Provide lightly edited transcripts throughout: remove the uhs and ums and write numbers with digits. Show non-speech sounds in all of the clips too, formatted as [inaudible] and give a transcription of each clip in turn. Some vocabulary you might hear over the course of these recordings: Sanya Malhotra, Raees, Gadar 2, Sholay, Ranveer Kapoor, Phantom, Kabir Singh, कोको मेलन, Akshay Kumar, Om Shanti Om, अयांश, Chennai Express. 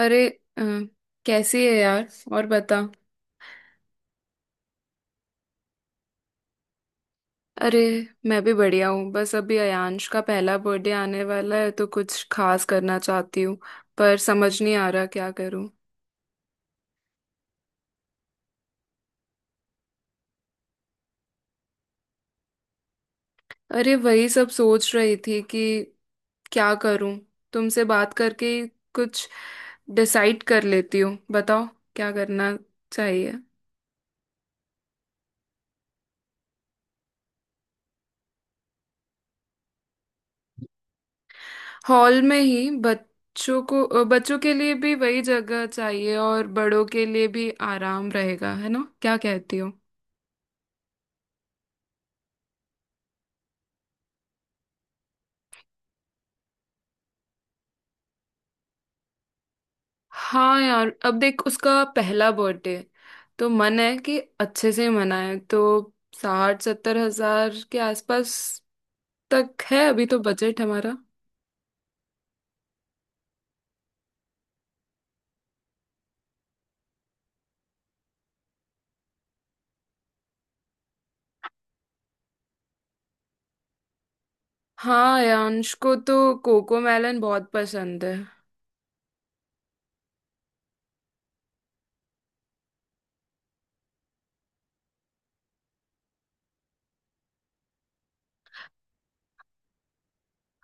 अरे। अ, कैसी है यार? और बता। अरे, मैं भी बढ़िया हूँ। बस अभी अयांश का पहला बर्थडे आने वाला है तो कुछ खास करना चाहती हूँ, पर समझ नहीं आ रहा क्या करूँ। अरे, वही सब सोच रही थी कि क्या करूँ। तुमसे बात करके ही कुछ डिसाइड कर लेती हूँ, बताओ क्या करना चाहिए। हॉल में ही बच्चों को बच्चों के लिए भी वही जगह चाहिए, और बड़ों के लिए भी आराम रहेगा, है ना? क्या कहती हो? हाँ यार, अब देख, उसका पहला बर्थडे तो मन है कि अच्छे से मनाए, तो 60-70 हज़ार के आसपास तक है अभी तो बजट हमारा। हाँ, यांश को तो कोको मेलन बहुत पसंद है।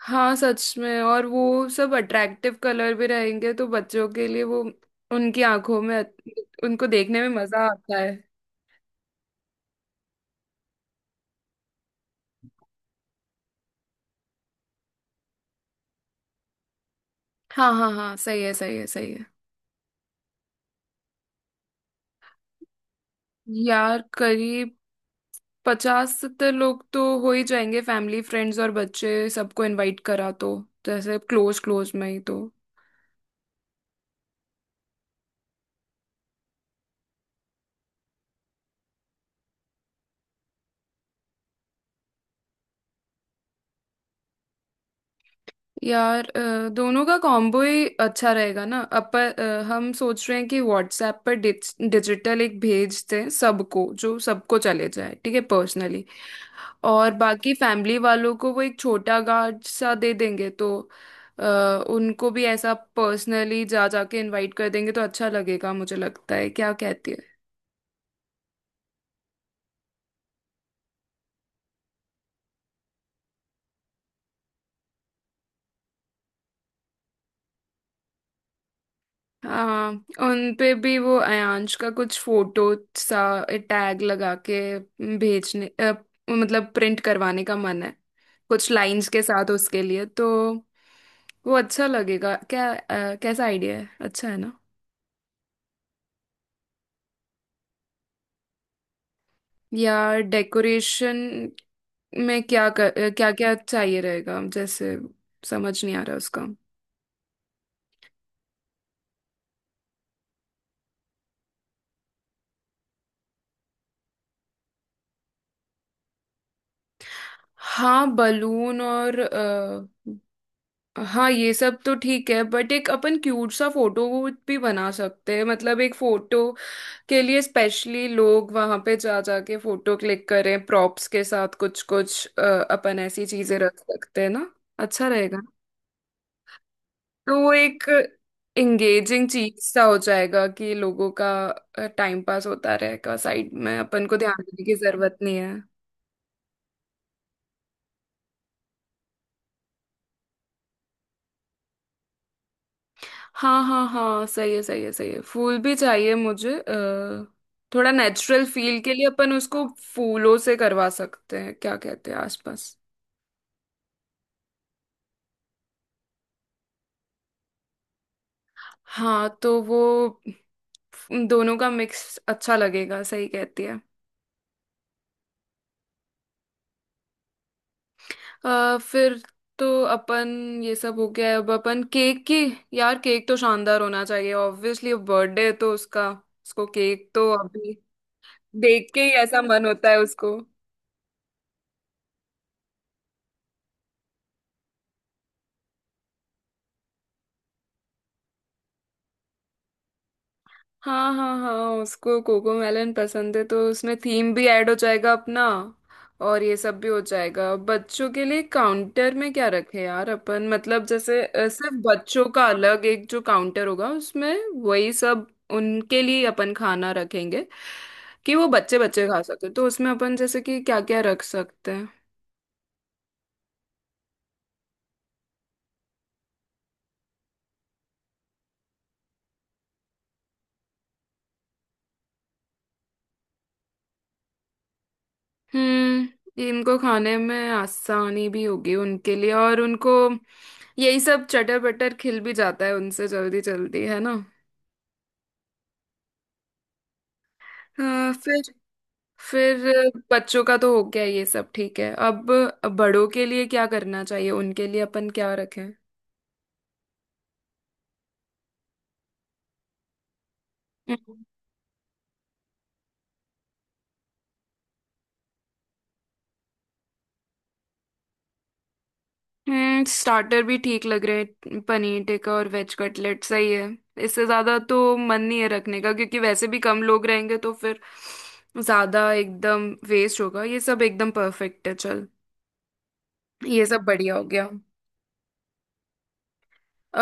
हाँ सच में, और वो सब अट्रैक्टिव कलर भी रहेंगे तो बच्चों के लिए वो, उनकी आंखों में, उनको देखने में मजा आता है। हाँ हाँ हाँ, सही है सही है सही है। यार करीब 50-70 लोग तो हो ही जाएंगे। फैमिली फ्रेंड्स और बच्चे सबको इनवाइट करा, तो जैसे क्लोज क्लोज में ही तो। यार दोनों का कॉम्बो ही अच्छा रहेगा ना अपन। हम सोच रहे हैं कि व्हाट्सएप पर डिजिटल एक भेज दें सबको, जो सबको चले जाए, ठीक है पर्सनली। और बाकी फैमिली वालों को वो एक छोटा कार्ड सा दे देंगे, तो अ, उनको भी ऐसा पर्सनली जा जाके इनवाइट कर देंगे तो अच्छा लगेगा, मुझे लगता है, क्या कहती है? हाँ, उन पे भी वो अयांश का कुछ फोटो सा टैग लगा के भेजने मतलब प्रिंट करवाने का मन है, कुछ लाइंस के साथ उसके लिए, तो वो अच्छा लगेगा क्या? कैसा आइडिया है, अच्छा है ना? या डेकोरेशन में क्या क्या चाहिए रहेगा जैसे, समझ नहीं आ रहा उसका। हाँ बलून और हाँ ये सब तो ठीक है, बट एक अपन क्यूट सा फोटो भी बना सकते हैं, मतलब एक फोटो के लिए स्पेशली लोग वहां पे जा जाके फोटो क्लिक करें प्रॉप्स के साथ। कुछ कुछ अपन ऐसी चीजें रख सकते हैं ना, अच्छा रहेगा। तो वो एक एंगेजिंग चीज सा हो जाएगा कि लोगों का टाइम पास होता रहेगा, साइड में अपन को ध्यान देने की जरूरत नहीं है। हाँ हाँ हाँ, सही है सही है सही है। फूल भी चाहिए मुझे, थोड़ा नेचुरल फील के लिए अपन उसको फूलों से करवा सकते हैं, क्या कहते हैं आसपास? हाँ तो वो दोनों का मिक्स अच्छा लगेगा, सही कहती है। फिर तो अपन, ये सब हो गया है, अब अपन केक की। यार केक तो शानदार होना चाहिए ऑब्वियसली, बर्थडे है तो उसका। उसको केक तो अभी देख के ही ऐसा मन होता है उसको। हाँ हाँ हाँ, उसको कोको मेलन पसंद है तो उसमें थीम भी ऐड हो जाएगा अपना, और ये सब भी हो जाएगा। बच्चों के लिए काउंटर में क्या रखें यार अपन, मतलब जैसे सिर्फ बच्चों का अलग एक जो काउंटर होगा उसमें वही सब उनके लिए अपन खाना रखेंगे, कि वो बच्चे बच्चे खा सकते, तो उसमें अपन जैसे कि क्या क्या रख सकते हैं? हम्म, इनको खाने में आसानी भी होगी उनके लिए, और उनको यही सब चटर बटर खिल भी जाता है उनसे जल्दी जल्दी, है ना? हाँ, फिर। फिर बच्चों का तो हो गया ये सब, ठीक है। अब बड़ों के लिए क्या करना चाहिए, उनके लिए अपन क्या रखें? हम्म, स्टार्टर भी ठीक लग रहे हैं, पनीर टिक्का और वेज कटलेट सही है। इससे ज्यादा तो मन नहीं है रखने का, क्योंकि वैसे भी कम लोग रहेंगे, तो फिर ज्यादा एकदम वेस्ट होगा। ये सब एकदम परफेक्ट है, चल। ये सब बढ़िया हो गया।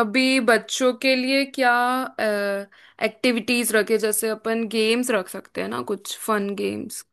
अभी बच्चों के लिए क्या एक्टिविटीज रखे, जैसे अपन गेम्स रख सकते हैं ना, कुछ फन गेम्स।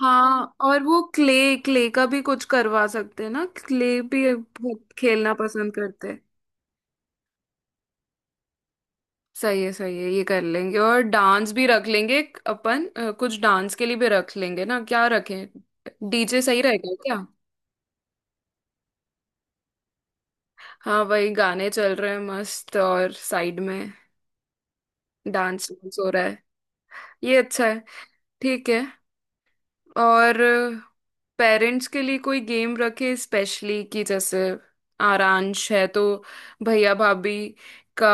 हाँ, और वो क्ले क्ले का भी कुछ करवा सकते हैं ना? क्ले भी बहुत खेलना पसंद करते हैं। सही है सही है, ये कर लेंगे। और डांस भी रख लेंगे अपन। कुछ डांस के लिए भी रख लेंगे ना, क्या रखें? डीजे सही रहेगा क्या? हाँ, वही गाने चल रहे हैं मस्त, और साइड में डांस हो रहा है, ये अच्छा है। ठीक है। और पेरेंट्स के लिए कोई गेम रखे स्पेशली, कि जैसे आरांश है तो भैया भाभी का,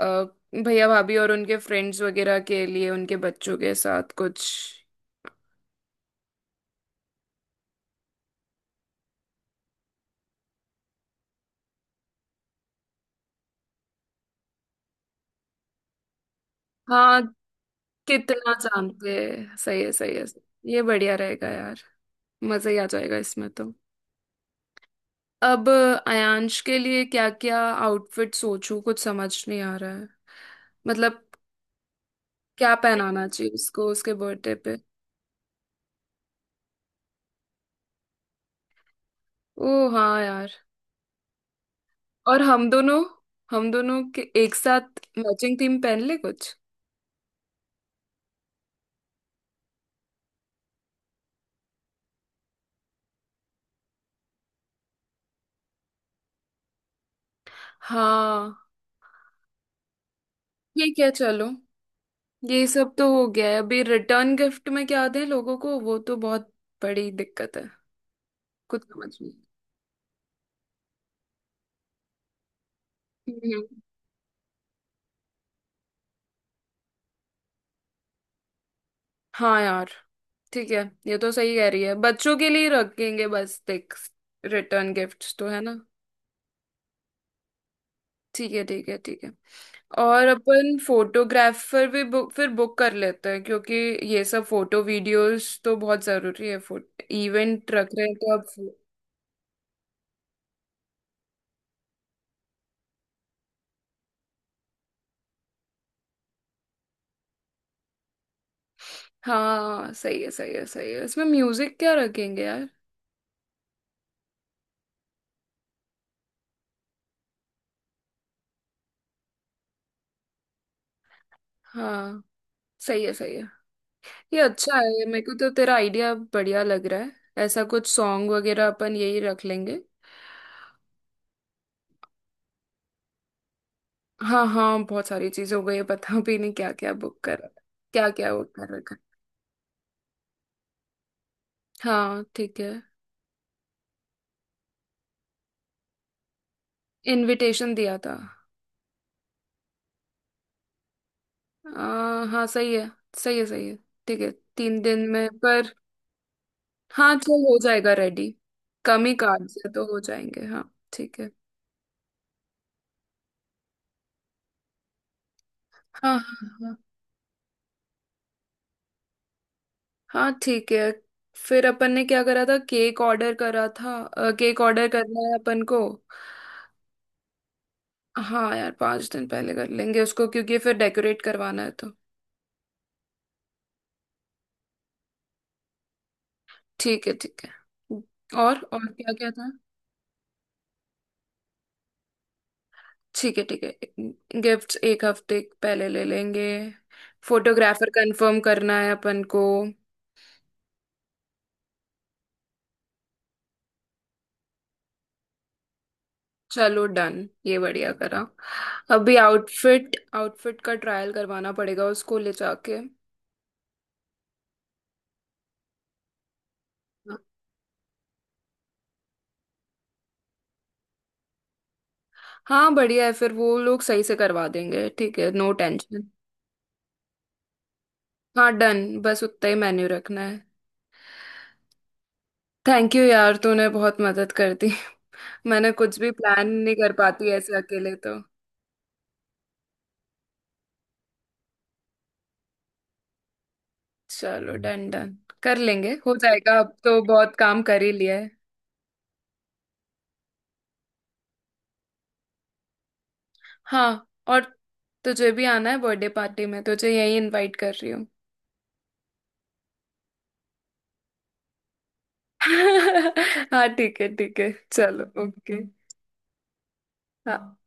अ, भैया भाभी और उनके फ्रेंड्स वगैरह के लिए, उनके बच्चों के साथ कुछ। हाँ, कितना जानते हैं, सही है सही है। ये बढ़िया रहेगा यार, मजा ही आ जाएगा इसमें तो। अब आयांश के लिए क्या क्या आउटफिट सोचूं, कुछ समझ नहीं आ रहा है, मतलब क्या पहनाना चाहिए उसको उसके बर्थडे पे? ओ हाँ यार, और हम दोनों के एक साथ मैचिंग थीम पहन ले कुछ। हाँ ठीक है, चलो। ये सब तो हो गया है। अभी रिटर्न गिफ्ट में क्या दें लोगों को, वो तो बहुत बड़ी दिक्कत है, कुछ समझ नहीं। हम्म। हाँ यार, ठीक है, ये तो सही कह रही है, बच्चों के लिए रखेंगे बस। देख, रिटर्न गिफ्ट्स तो है ना। ठीक है ठीक है ठीक है। और अपन फोटोग्राफर भी बुक कर लेते हैं, क्योंकि ये सब फोटो वीडियोस तो बहुत जरूरी है, फोटो इवेंट रख रहे हैं तो अब। हाँ सही है सही है सही है। इसमें म्यूजिक क्या रखेंगे यार? हाँ सही है सही है, ये अच्छा है। ये मेरे को तो तेरा आइडिया बढ़िया लग रहा है। ऐसा कुछ सॉन्ग वगैरह अपन यही रख लेंगे। हाँ हाँ, बहुत सारी चीज हो गई है, पता भी नहीं क्या क्या बुक कर, क्या क्या वो कर रखा है। हाँ ठीक है। इनविटेशन दिया था। हाँ सही है सही है सही है, ठीक है। 3 दिन में, पर हाँ, चल हो जाएगा रेडी, कम ही कार्ड्स है तो हो जाएंगे। हाँ ठीक है। हाँ हाँ हाँ हाँ ठीक है। फिर अपन ने क्या करा था, केक ऑर्डर करा था, केक ऑर्डर करना है अपन को। हाँ यार, 5 दिन पहले कर लेंगे उसको, क्योंकि फिर डेकोरेट करवाना है तो। ठीक है ठीक है। और क्या क्या? ठीक है ठीक है, गिफ्ट्स एक हफ्ते पहले ले लेंगे। फोटोग्राफर कंफर्म करना है अपन को। चलो डन, ये बढ़िया करा। अभी आउटफिट आउटफिट का ट्रायल करवाना पड़ेगा उसको ले जाके। हाँ बढ़िया है, फिर वो लोग सही से करवा देंगे, ठीक है, नो टेंशन। हाँ डन, बस उतना ही मेन्यू रखना है। थैंक यू यार, तूने बहुत मदद कर दी। [laughs] मैंने कुछ भी प्लान नहीं कर पाती ऐसे अकेले तो। चलो डन डन, कर लेंगे, हो जाएगा, अब तो बहुत काम कर ही लिया है। हाँ, और तुझे भी आना है बर्थडे पार्टी में, तुझे यही इनवाइट कर रही हूँ। [laughs] हाँ ठीक है ठीक है, चलो ओके। हाँ।